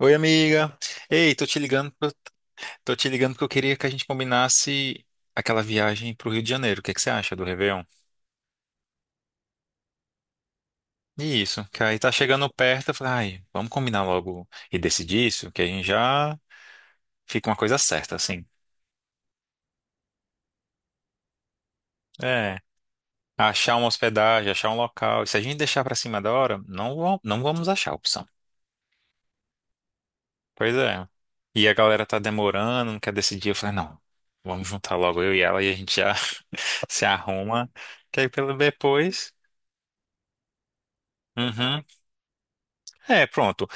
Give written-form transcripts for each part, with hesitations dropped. Oi, amiga. Ei, tô te ligando, tô te ligando porque eu queria que a gente combinasse aquela viagem pro Rio de Janeiro. O que é que você acha do Réveillon? Isso, que aí tá chegando perto, eu falei, ai, vamos combinar logo e decidir isso, que a gente já fica uma coisa certa, assim. É, achar uma hospedagem, achar um local. E se a gente deixar pra cima da hora, não, não vamos achar a opção. Pois é. E a galera tá demorando, não quer decidir. Eu falei, não, vamos juntar logo eu e ela e a gente já se arruma, que aí pelo depois. Uhum. É, pronto.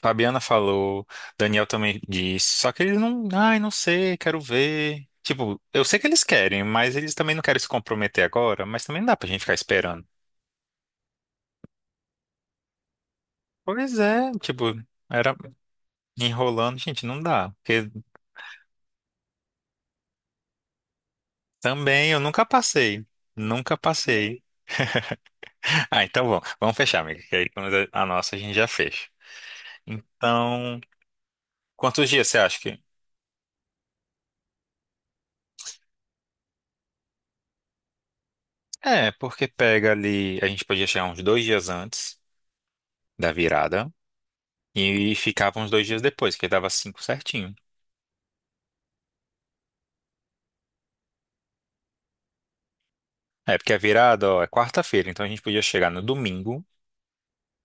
Fabiana falou, Daniel também disse, só que eles não, ai, não sei, quero ver. Tipo, eu sei que eles querem, mas eles também não querem se comprometer agora, mas também não dá pra gente ficar esperando. Pois é, tipo, era enrolando, gente, não dá. Porque também eu nunca passei, nunca passei. Ah, então bom, vamos fechar, amiga, que aí pelo menos a gente já fecha. Então, quantos dias você acha que? É, porque pega ali, a gente podia chegar uns dois dias antes da virada. E ficava uns dois dias depois, que aí dava cinco certinho. É, porque a virada, ó, é quarta-feira, então a gente podia chegar no domingo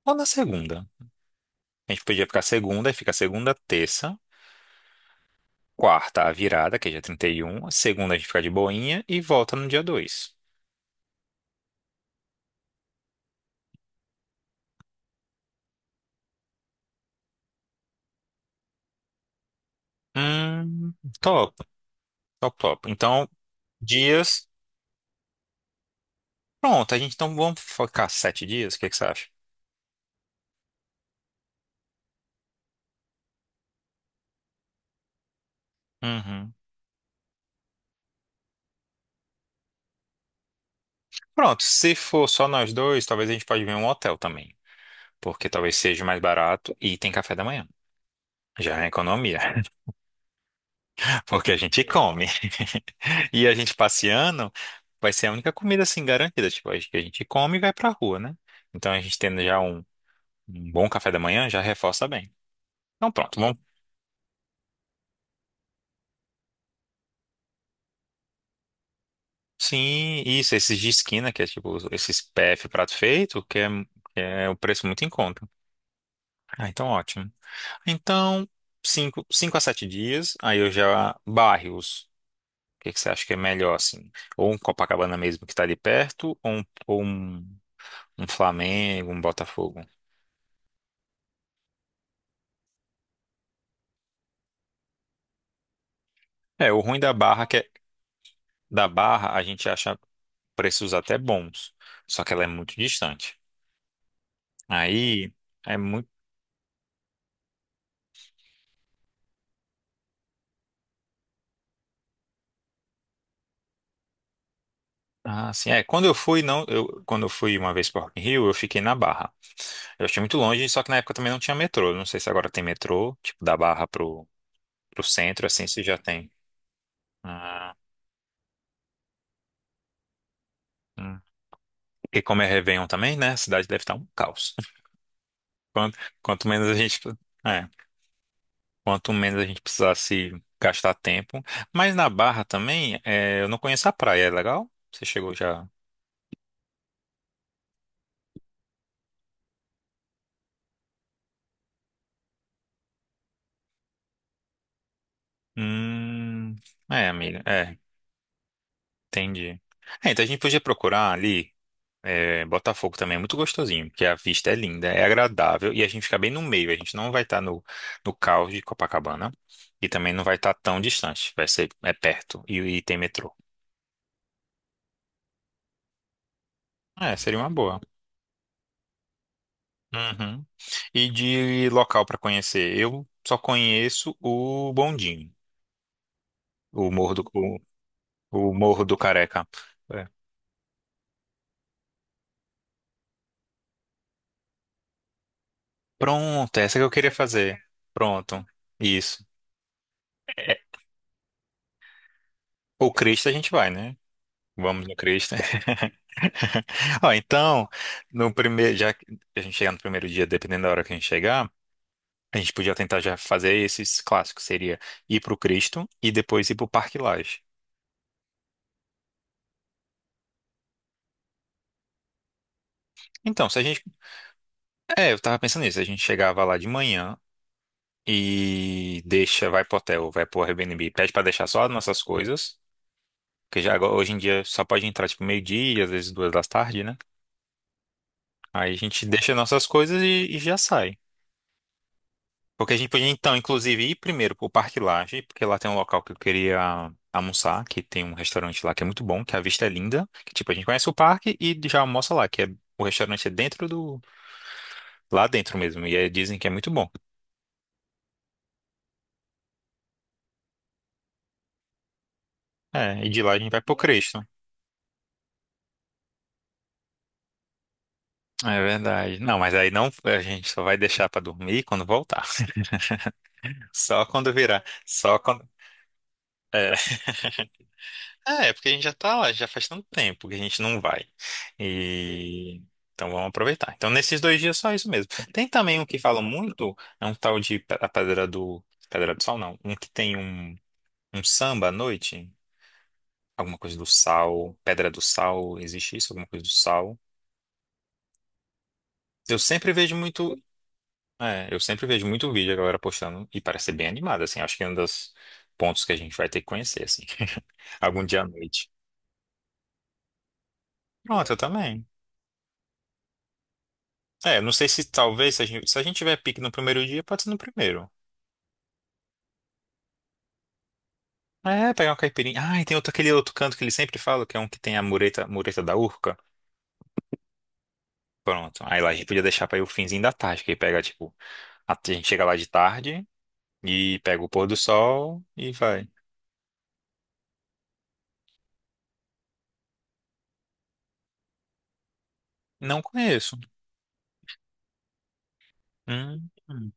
ou na segunda. A gente podia ficar segunda, e fica segunda, terça, quarta, a virada, que é dia trinta e um, segunda a gente fica de boinha e volta no dia dois. Hum, top, top, top. Então, dias, pronto, a gente vamos focar sete dias, o que que você acha? Uhum. Pronto, se for só nós dois, talvez a gente pode ver um hotel também, porque talvez seja mais barato e tem café da manhã. Já é economia. O que a gente come. E a gente passeando vai ser a única comida assim garantida. Tipo, a gente come e vai pra rua, né? Então a gente tendo já um bom café da manhã já reforça bem. Então pronto, vamos. Sim, isso, esses de esquina, que é tipo esses PF, prato feito, que é o preço muito em conta. Ah, então ótimo. Então, cinco, cinco a sete dias, aí eu já bairros. O que que você acha que é melhor, assim? Ou um Copacabana mesmo que tá ali perto, um Flamengo, um Botafogo. É, o ruim da Barra que é, da Barra a gente acha preços até bons, só que ela é muito distante. Aí é muito ah, assim, é, quando eu fui não, eu quando eu fui uma vez para Rock in Rio, eu fiquei na Barra. Eu achei muito longe, só que na época também não tinha metrô. Não sei se agora tem metrô, tipo da Barra pro pro centro assim, se já tem. Ah, hum. E como é Réveillon também, né? A cidade deve estar um caos. Quanto menos a gente. é Quanto menos a gente precisasse gastar tempo. Mas na Barra também, é, eu não conheço a praia, é legal? Você chegou já? Hum, é, amiga, é, entendi. É, então a gente podia procurar ali, é, Botafogo também é muito gostosinho, porque a vista é linda, é agradável e a gente fica bem no meio, a gente não vai estar no caos de Copacabana e também não vai estar tão distante, é perto e tem metrô. É, seria uma boa. Uhum. E de local para conhecer? Eu só conheço o Bondinho, o Morro do, o, o Morro do Careca. É. Pronto, essa que eu queria fazer. Pronto, isso. É, o Cristo a gente vai, né? Vamos no Cristo. Ó, então, no primeiro, já que a gente chegar no primeiro dia, dependendo da hora que a gente chegar, a gente podia tentar já fazer esses clássicos. Seria ir pro Cristo e depois ir pro Parque Lage. Então, se a gente. É, eu tava pensando nisso. A gente chegava lá de manhã, e deixa, vai pro hotel, vai pro Airbnb, pede pra deixar só as nossas coisas, que hoje em dia só pode entrar tipo meio-dia, às vezes duas da tarde, né? Aí a gente deixa nossas coisas e já sai. Porque a gente podia então, inclusive, ir primeiro pro Parque Lage, porque lá tem um local que eu queria almoçar, que tem um restaurante lá que é muito bom, que a vista é linda, que tipo a gente conhece o parque e já almoça lá, que é o restaurante é dentro do lá dentro mesmo, e aí dizem que é muito bom. É, e de lá a gente vai pro Cristo. É verdade. Não, mas aí não, a gente só vai deixar pra dormir quando voltar. Só quando virar. Só quando. É, é porque a gente já tá lá, já faz tanto tempo que a gente não vai. E então vamos aproveitar. Então nesses dois dias só isso mesmo. Tem também um que falam muito, é um tal de a Pedra do Sal, não, um que tem um samba à noite, alguma coisa do sal, Pedra do Sal, existe isso, alguma coisa do sal. Eu sempre vejo muito É, eu sempre vejo muito vídeo a galera postando e parece ser bem animado, assim. Acho que é um dos pontos que a gente vai ter que conhecer, assim. Algum dia à noite. Pronto, eu também. É, não sei se talvez, se a gente tiver pique no primeiro dia, pode ser no primeiro. É, pegar uma caipirinha. Ah, e tem outro, aquele outro canto que ele sempre fala, que é um que tem a mureta, mureta da Urca. Pronto. Aí lá a gente podia deixar pra ir o finzinho da tarde, que aí pega, tipo, a gente chega lá de tarde e pega o pôr do sol e vai. Não conheço. Hum, hum.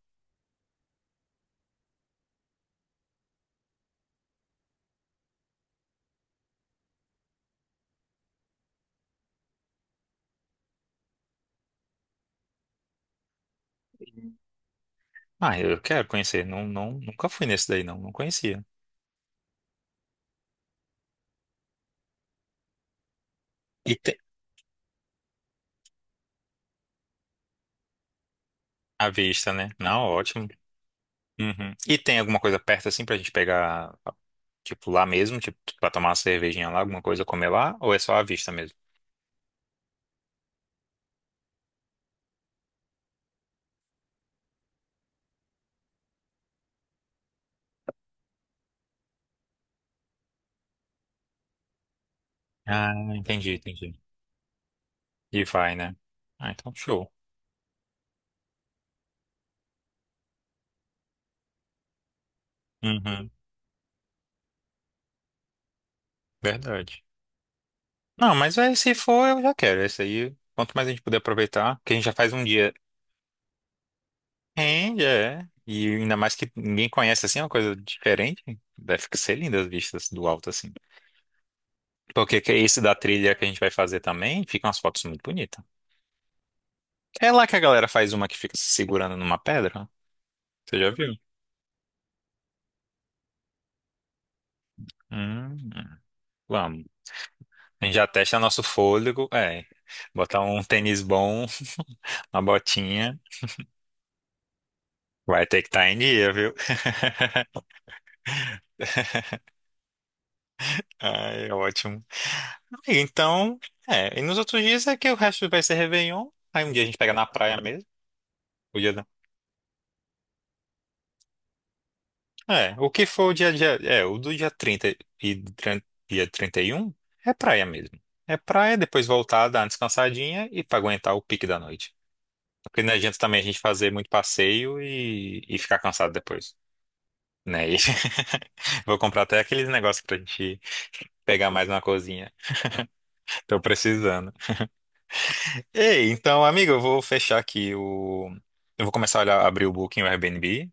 Ah, eu quero conhecer. Não, não, nunca fui nesse daí, não. Não conhecia. E tem... A vista, né? Não, ótimo. Uhum. E tem alguma coisa perto assim pra gente pegar, tipo, lá mesmo? Tipo, pra tomar uma cervejinha lá, alguma coisa comer lá? Ou é só a vista mesmo? Ah, entendi, entendi. E vai, né? Ah, então show. Uhum. Verdade. Não, mas aí, se for, eu já quero. Esse aí, quanto mais a gente puder aproveitar, que a gente já faz um dia. É, já é. E ainda mais que ninguém conhece assim, é uma coisa diferente. Deve ser linda as vistas do alto assim. Esse da trilha que a gente vai fazer também, fica umas fotos muito bonitas. É lá que a galera faz uma que fica se segurando numa pedra? Você já viu? Hum, vamos. A gente já testa nosso fôlego. É, botar um tênis bom, uma botinha. Vai ter que estar em dia, viu? Ai, é ótimo. E então, é. E nos outros dias é que o resto vai ser Réveillon. Aí um dia a gente pega na praia mesmo. o dia da- É, o que for o dia, é, o do dia 30 e trin- dia 31 é praia mesmo. É praia, depois voltar, dar uma descansadinha e pra aguentar o pique da noite. Porque não adianta também a gente fazer muito passeio e ficar cansado depois, né? E- Vou comprar até aqueles negócios pra gente pegar mais uma coisinha. Tô precisando. Ei, então, amigo, eu vou fechar aqui o... Eu vou começar a olhar, abrir o Booking, o Airbnb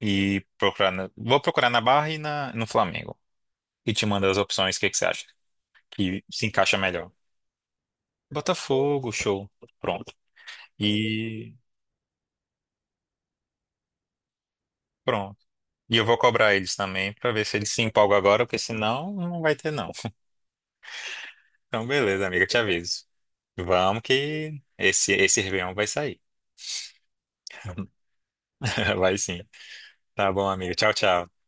e procurar... Vou procurar na Barra e na... no Flamengo. E te mando as opções, o que que você acha que se encaixa melhor? Botafogo, show. Pronto. E pronto. E eu vou cobrar eles também pra ver se eles se empolgam agora, porque senão não vai ter não. Então beleza, amiga, te aviso. Vamos que esse Réveillon vai sair. Vai sim. Tá bom, amiga. Tchau, tchau.